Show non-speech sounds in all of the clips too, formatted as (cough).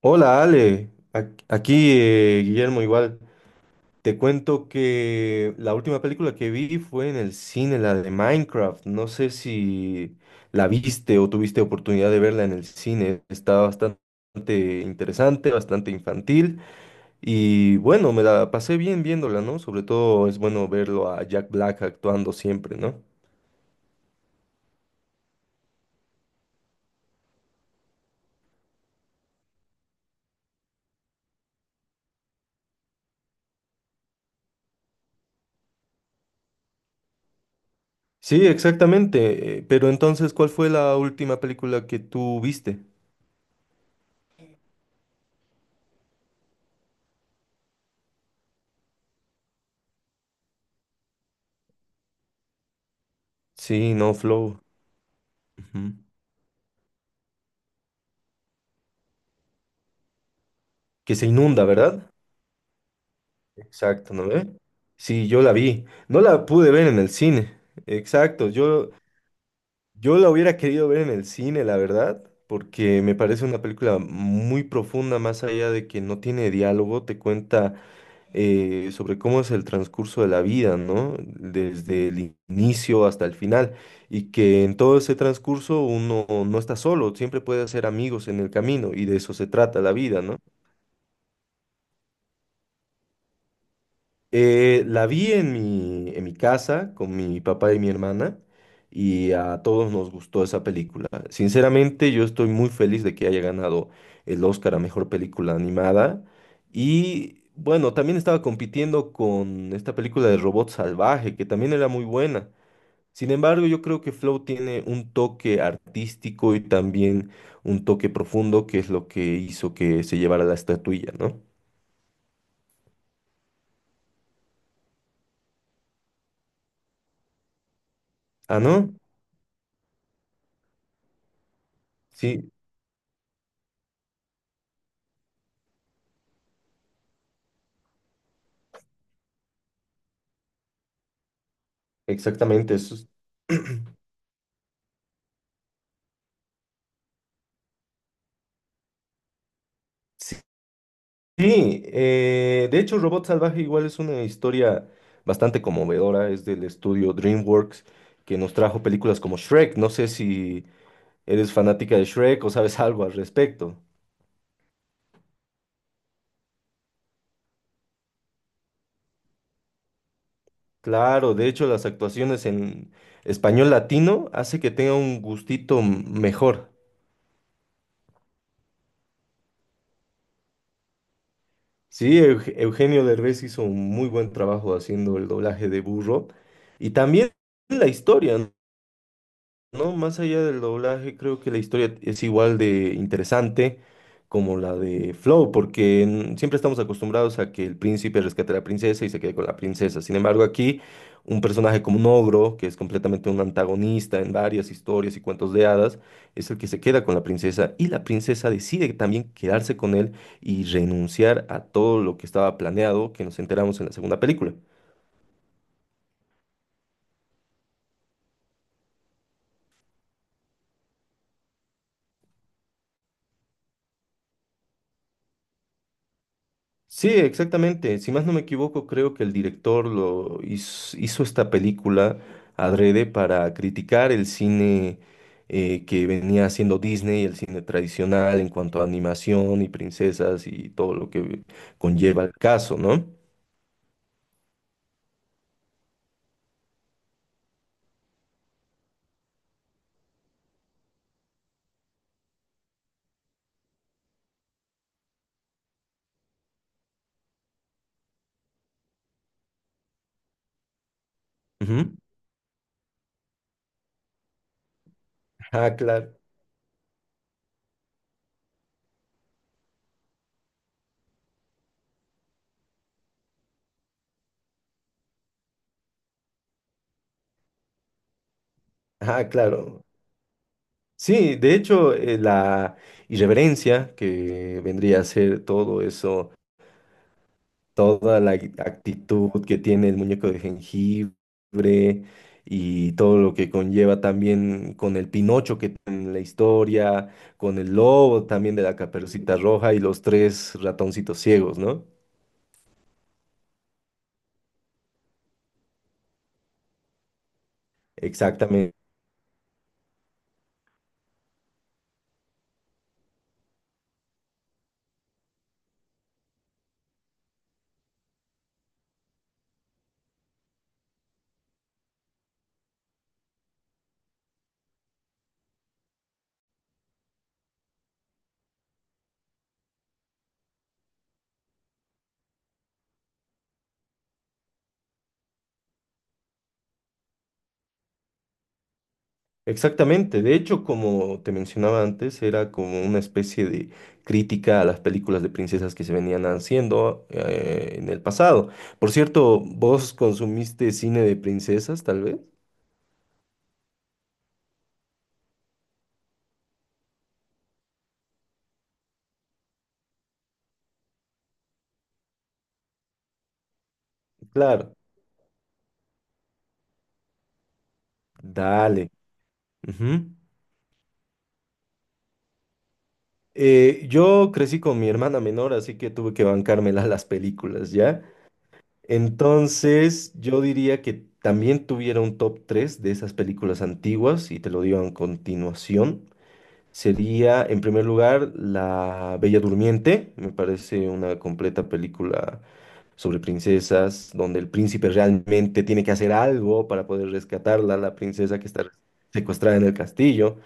Hola Ale, aquí Guillermo igual. Te cuento que la última película que vi fue en el cine, la de Minecraft. No sé si la viste o tuviste oportunidad de verla en el cine. Está bastante interesante, bastante infantil y bueno, me la pasé bien viéndola, ¿no? Sobre todo es bueno verlo a Jack Black actuando siempre, ¿no? Sí, exactamente. Pero entonces, ¿cuál fue la última película que tú viste? Sí, no, Flow. Ujú. ¿Que se inunda, verdad? Exacto, ¿no ve? Sí, yo la vi. No la pude ver en el cine. Exacto, yo la hubiera querido ver en el cine, la verdad, porque me parece una película muy profunda, más allá de que no tiene diálogo, te cuenta sobre cómo es el transcurso de la vida, ¿no? Desde el inicio hasta el final, y que en todo ese transcurso uno no está solo, siempre puede hacer amigos en el camino, y de eso se trata la vida, ¿no? La vi en mi casa con mi papá y mi hermana y a todos nos gustó esa película. Sinceramente, yo estoy muy feliz de que haya ganado el Oscar a Mejor Película Animada y bueno, también estaba compitiendo con esta película de Robot Salvaje que también era muy buena. Sin embargo, yo creo que Flow tiene un toque artístico y también un toque profundo que es lo que hizo que se llevara la estatuilla, ¿no? Ah, ¿no? Sí, exactamente. Es- Sí, de hecho Robot Salvaje igual es una historia bastante conmovedora, es del estudio DreamWorks que nos trajo películas como Shrek, no sé si eres fanática de Shrek o sabes (laughs) algo al respecto. Claro, de hecho las actuaciones en español latino hace que tenga un gustito mejor. Sí, Eugenio Derbez hizo un muy buen trabajo haciendo el doblaje de Burro y también la historia, ¿no? No, más allá del doblaje, creo que la historia es igual de interesante como la de Flow, porque siempre estamos acostumbrados a que el príncipe rescate a la princesa y se quede con la princesa. Sin embargo, aquí un personaje como un ogro, que es completamente un antagonista en varias historias y cuentos de hadas, es el que se queda con la princesa y la princesa decide también quedarse con él y renunciar a todo lo que estaba planeado, que nos enteramos en la segunda película. Sí, exactamente. Si más no me equivoco, creo que el director hizo esta película adrede para criticar el cine que venía haciendo Disney, el cine tradicional en cuanto a animación y princesas y todo lo que conlleva el caso, ¿no? Ujú. Ah, claro. Ah, claro. Sí, de hecho, la irreverencia que vendría a ser todo eso, toda la actitud que tiene el muñeco de jengibre y todo lo que conlleva también con el Pinocho que tiene en la historia, con el lobo también de la Caperucita Roja y los tres ratoncitos ciegos, ¿no? Exactamente. Exactamente, de hecho, como te mencionaba antes, era como una especie de crítica a las películas de princesas que se venían haciendo en el pasado. Por cierto, ¿vos consumiste cine de princesas, tal vez? Claro. Dale. Ujú. Yo crecí con mi hermana menor, así que tuve que bancármela a las películas, ¿ya? Entonces, yo diría que también tuviera un top 3 de esas películas antiguas y te lo digo a continuación. Sería, en primer lugar, La Bella Durmiente. Me parece una completa película sobre princesas, donde el príncipe realmente tiene que hacer algo para poder rescatarla, la princesa que está secuestrada en el castillo.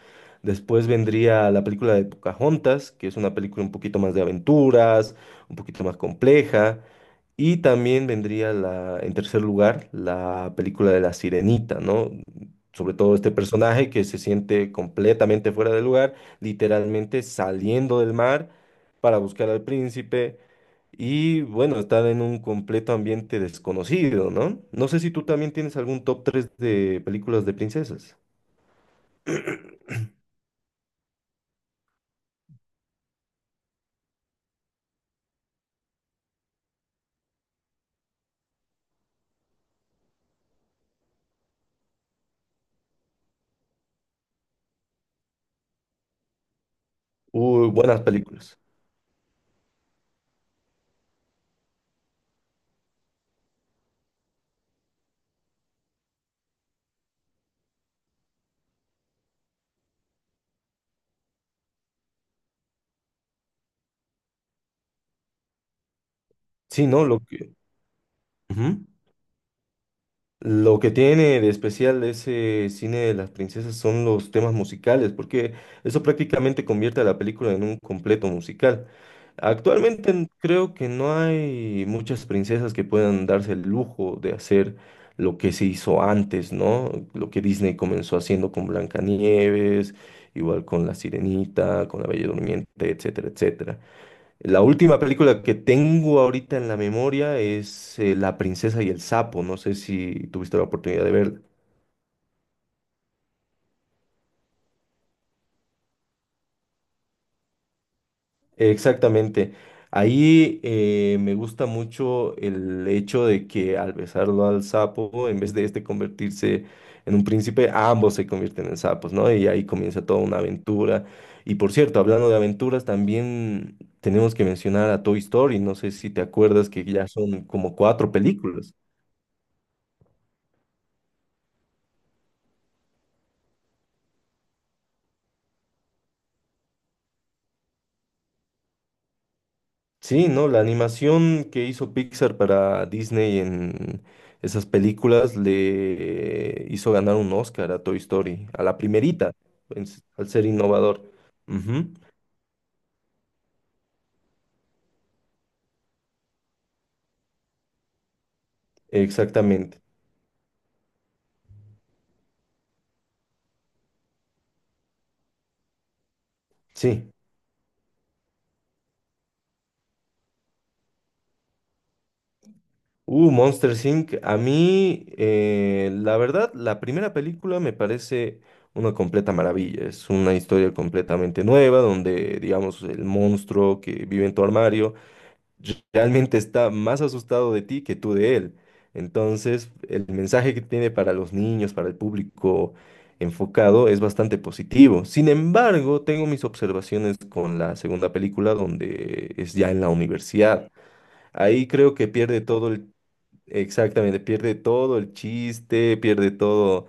Después vendría la película de Pocahontas, que es una película un poquito más de aventuras, un poquito más compleja. Y también vendría la, en tercer lugar, la película de La Sirenita, ¿no? Sobre todo este personaje que se siente completamente fuera de lugar, literalmente saliendo del mar para buscar al príncipe y bueno, estar en un completo ambiente desconocido, ¿no? No sé si tú también tienes algún top 3 de películas de princesas. Uy, buenas películas. Sí, ¿no? Lo que... Ujú. Lo que tiene de especial ese cine de las princesas son los temas musicales, porque eso prácticamente convierte a la película en un completo musical. Actualmente creo que no hay muchas princesas que puedan darse el lujo de hacer lo que se hizo antes, ¿no? Lo que Disney comenzó haciendo con Blancanieves, igual con La Sirenita, con La Bella Durmiente, etcétera, etcétera. La última película que tengo ahorita en la memoria es La princesa y el sapo. No sé si tuviste la oportunidad de verla. Exactamente. Ahí me gusta mucho el hecho de que al besarlo al sapo, en vez de este convertirse en un príncipe, ambos se convierten en sapos, ¿no? Y ahí comienza toda una aventura. Y por cierto, hablando de aventuras, también tenemos que mencionar a Toy Story. No sé si te acuerdas que ya son como cuatro películas. Sí, ¿no? La animación que hizo Pixar para Disney en esas películas le hizo ganar un Oscar a Toy Story, a la primerita, en al ser innovador. Ujú, exactamente, sí. Monsters Inc. A mí, la verdad, la primera película me parece una completa maravilla. Es una historia completamente nueva donde, digamos, el monstruo que vive en tu armario realmente está más asustado de ti que tú de él. Entonces, el mensaje que tiene para los niños, para el público enfocado, es bastante positivo. Sin embargo, tengo mis observaciones con la segunda película, donde es ya en la universidad. Ahí creo que pierde todo el, exactamente, pierde todo el chiste, pierde todo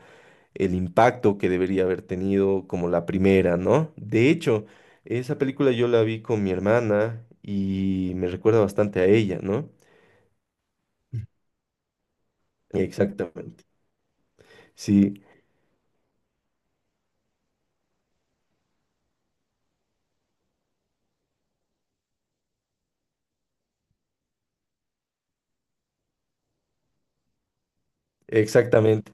el impacto que debería haber tenido como la primera, ¿no? De hecho, esa película yo la vi con mi hermana y me recuerda bastante a ella, ¿no? Exactamente. Sí, exactamente.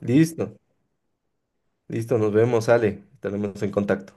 Listo, listo, nos vemos, Ale, estaremos en contacto.